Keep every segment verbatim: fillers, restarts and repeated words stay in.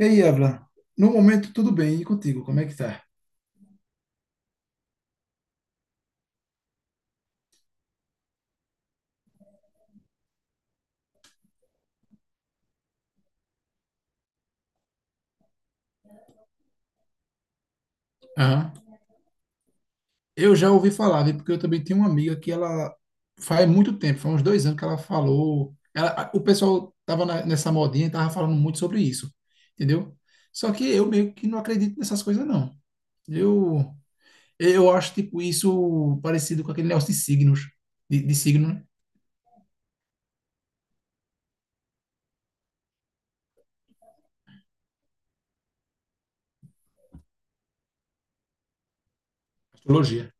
E aí, Avla? No momento, tudo bem. E contigo, como é que tá? Aham. Eu já ouvi falar, viu? Porque eu também tenho uma amiga que ela faz muito tempo, faz uns dois anos que ela falou. Ela- a- o pessoal tava na- nessa modinha e tava falando muito sobre isso, entendeu? Só que eu meio que não acredito nessas coisas, não. Eu, eu acho, tipo, isso parecido com aquele negócio de signos, de, de signo, né? Astrologia.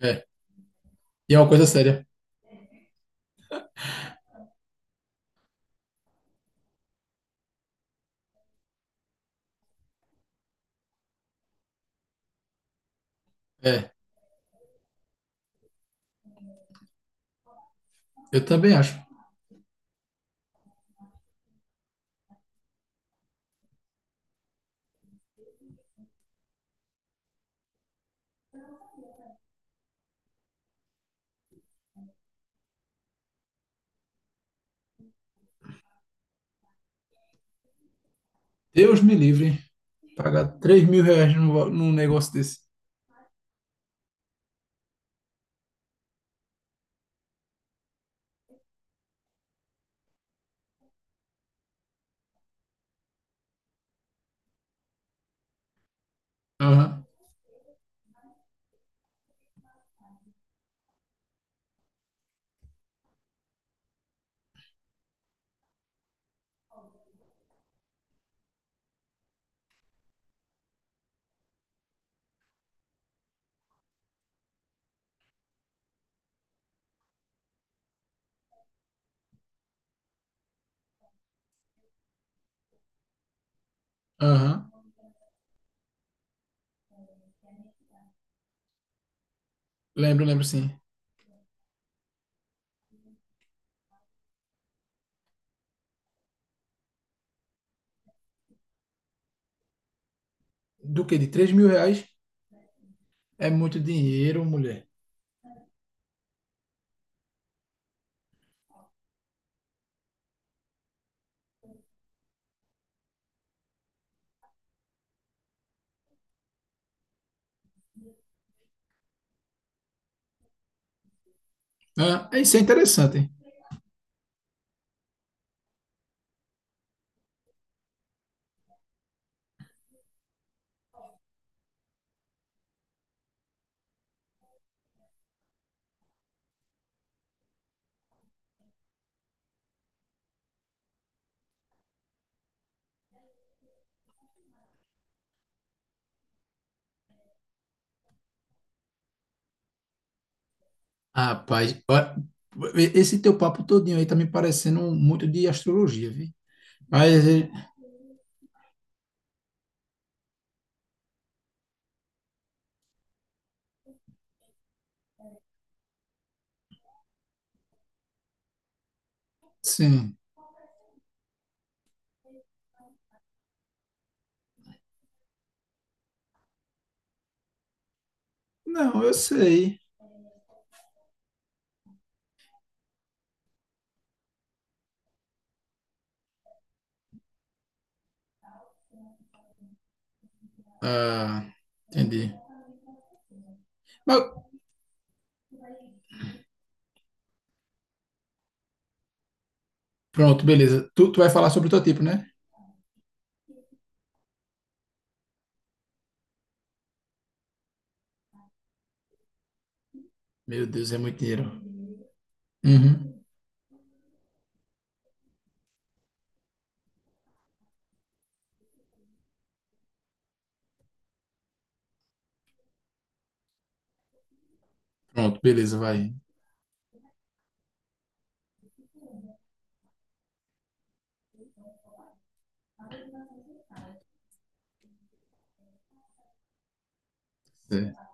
É. E é uma coisa séria. É. Eu também acho. Deus me livre. Pagar três mil reais num, va- num negócio desse. Aham. Aham. Lembro, lembro sim. Do que? De três mil reais? É muito dinheiro, mulher. Ah, isso é interessante, hein? Rapaz, ó, esse teu papo todinho aí tá me parecendo muito de astrologia, viu? Mas, eh, sim. Não, eu sei. Ah, entendi. Mas, pronto, beleza. Tu, tu vai falar sobre o teu tipo, né? Meu Deus, é muito dinheiro. Uhum. Pronto, beleza, vai. É.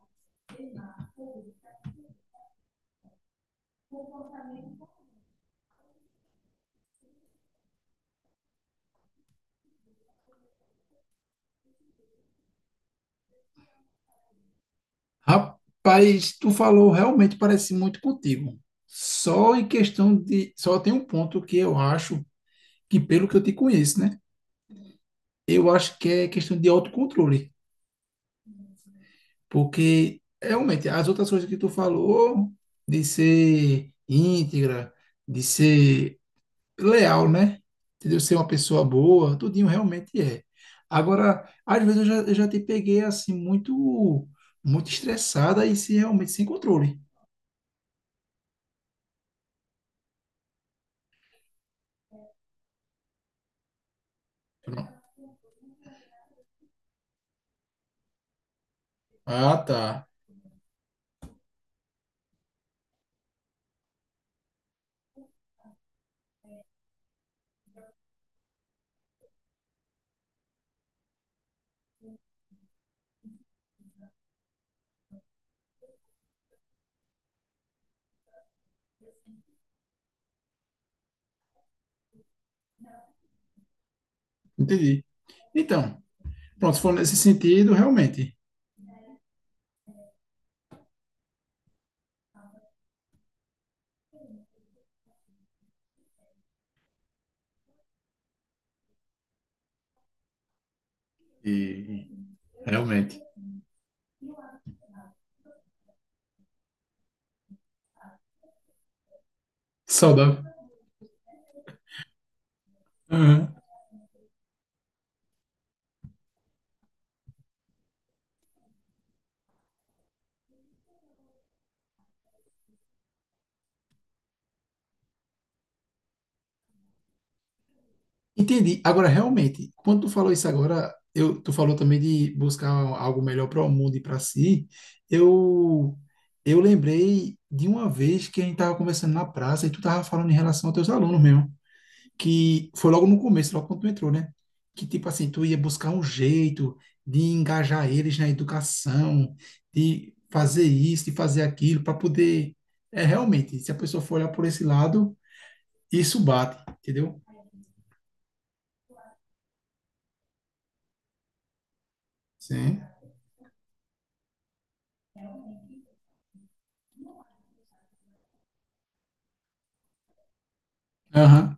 Rapaz, tu falou realmente parece muito contigo. Só em questão de. Só tem um ponto que eu acho que, pelo que eu te conheço, né? Eu acho que é questão de autocontrole. Porque, realmente, as outras coisas que tu falou, de ser íntegra, de ser leal, né? Entendeu? Ser uma pessoa boa, tudinho realmente é. Agora, às vezes eu já, eu já te peguei assim, muito, muito estressada e se realmente sem controle. Ah, tá. Entendi. Então, pronto, se for nesse sentido, realmente. E realmente. Saudável. Uhum. Entendi. Agora, realmente, quando tu falou isso agora, eu, tu falou também de buscar algo melhor para o mundo e para si. Eu, eu lembrei de uma vez que a gente estava conversando na praça e tu estava falando em relação aos teus alunos mesmo. Que foi logo no começo, logo quando tu entrou, né? Que tipo assim, tu ia buscar um jeito de engajar eles na educação, de fazer isso, de fazer aquilo, para poder. É realmente, se a pessoa for olhar por esse lado, isso bate, entendeu? Sim. Aham.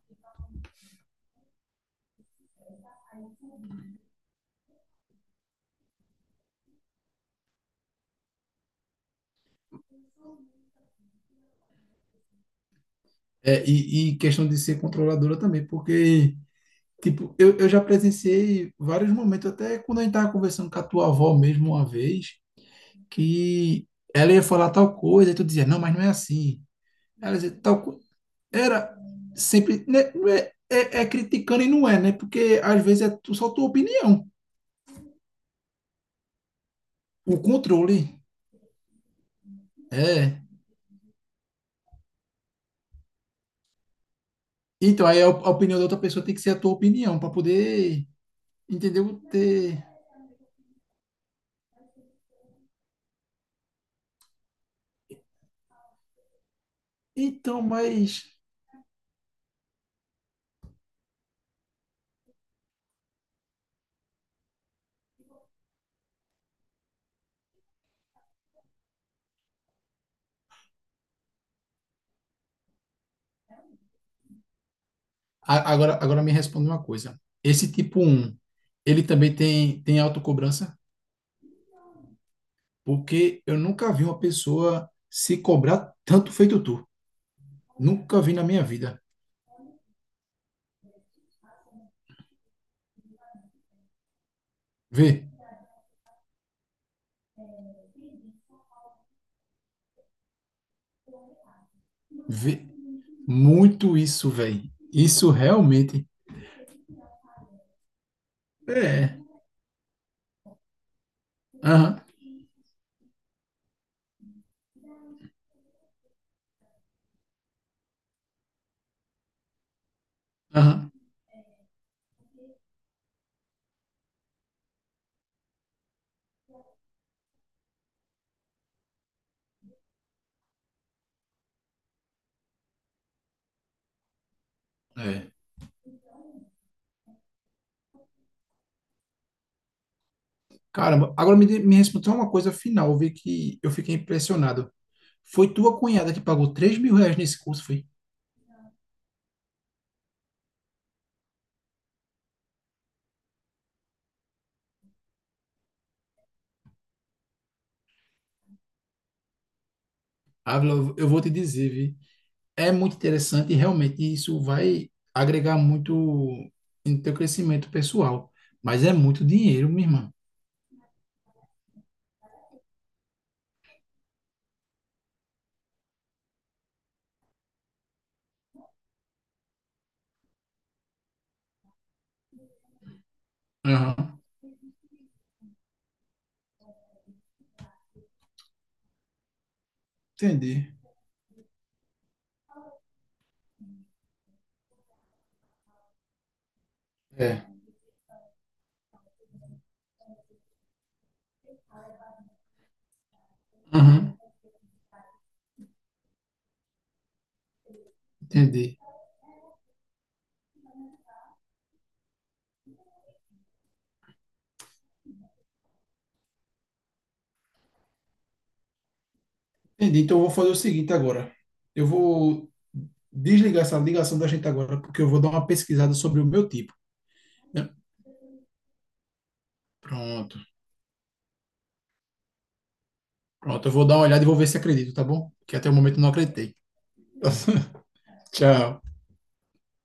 É, e, e questão de ser controladora também, porque, tipo, eu, eu já presenciei vários momentos, até quando a gente estava conversando com a tua avó mesmo uma vez, que ela ia falar tal coisa, e tu dizia, não, mas não é assim. Ela dizia, tal, era sempre, né, não é, é, é criticando e não é, né? Porque às vezes é tu- só tua opinião. O controle é. Então, aí a op- a opinião da outra pessoa tem que ser a tua opinião para poder, entendeu? Ter... Então, mas a- agora agora me responde uma coisa. Esse tipo um ele também tem tem autocobrança? Porque eu nunca vi uma pessoa se cobrar tanto feito tu. Nunca vi na minha vida. Vê, vê muito isso, velho. Isso realmente é. Aham, aham. É. Caramba, agora me, de- me respondeu uma coisa final, eu vi que eu fiquei impressionado. Foi tua cunhada que pagou três mil reais nesse curso, foi? Ávila, eu eu vou te dizer, vi. É muito interessante e realmente isso vai agregar muito no teu crescimento pessoal. Mas é muito dinheiro, minha irmã. Aham, entendi. É. Aham, entendi. Entendi. Então eu vou fazer o seguinte agora. Eu vou desligar essa ligação da gente agora, porque eu vou dar uma pesquisada sobre o meu tipo. É, pronto. Pronto, eu vou dar uma olhada e vou ver se acredito, tá bom? Que até o momento eu não acreditei. Tchau.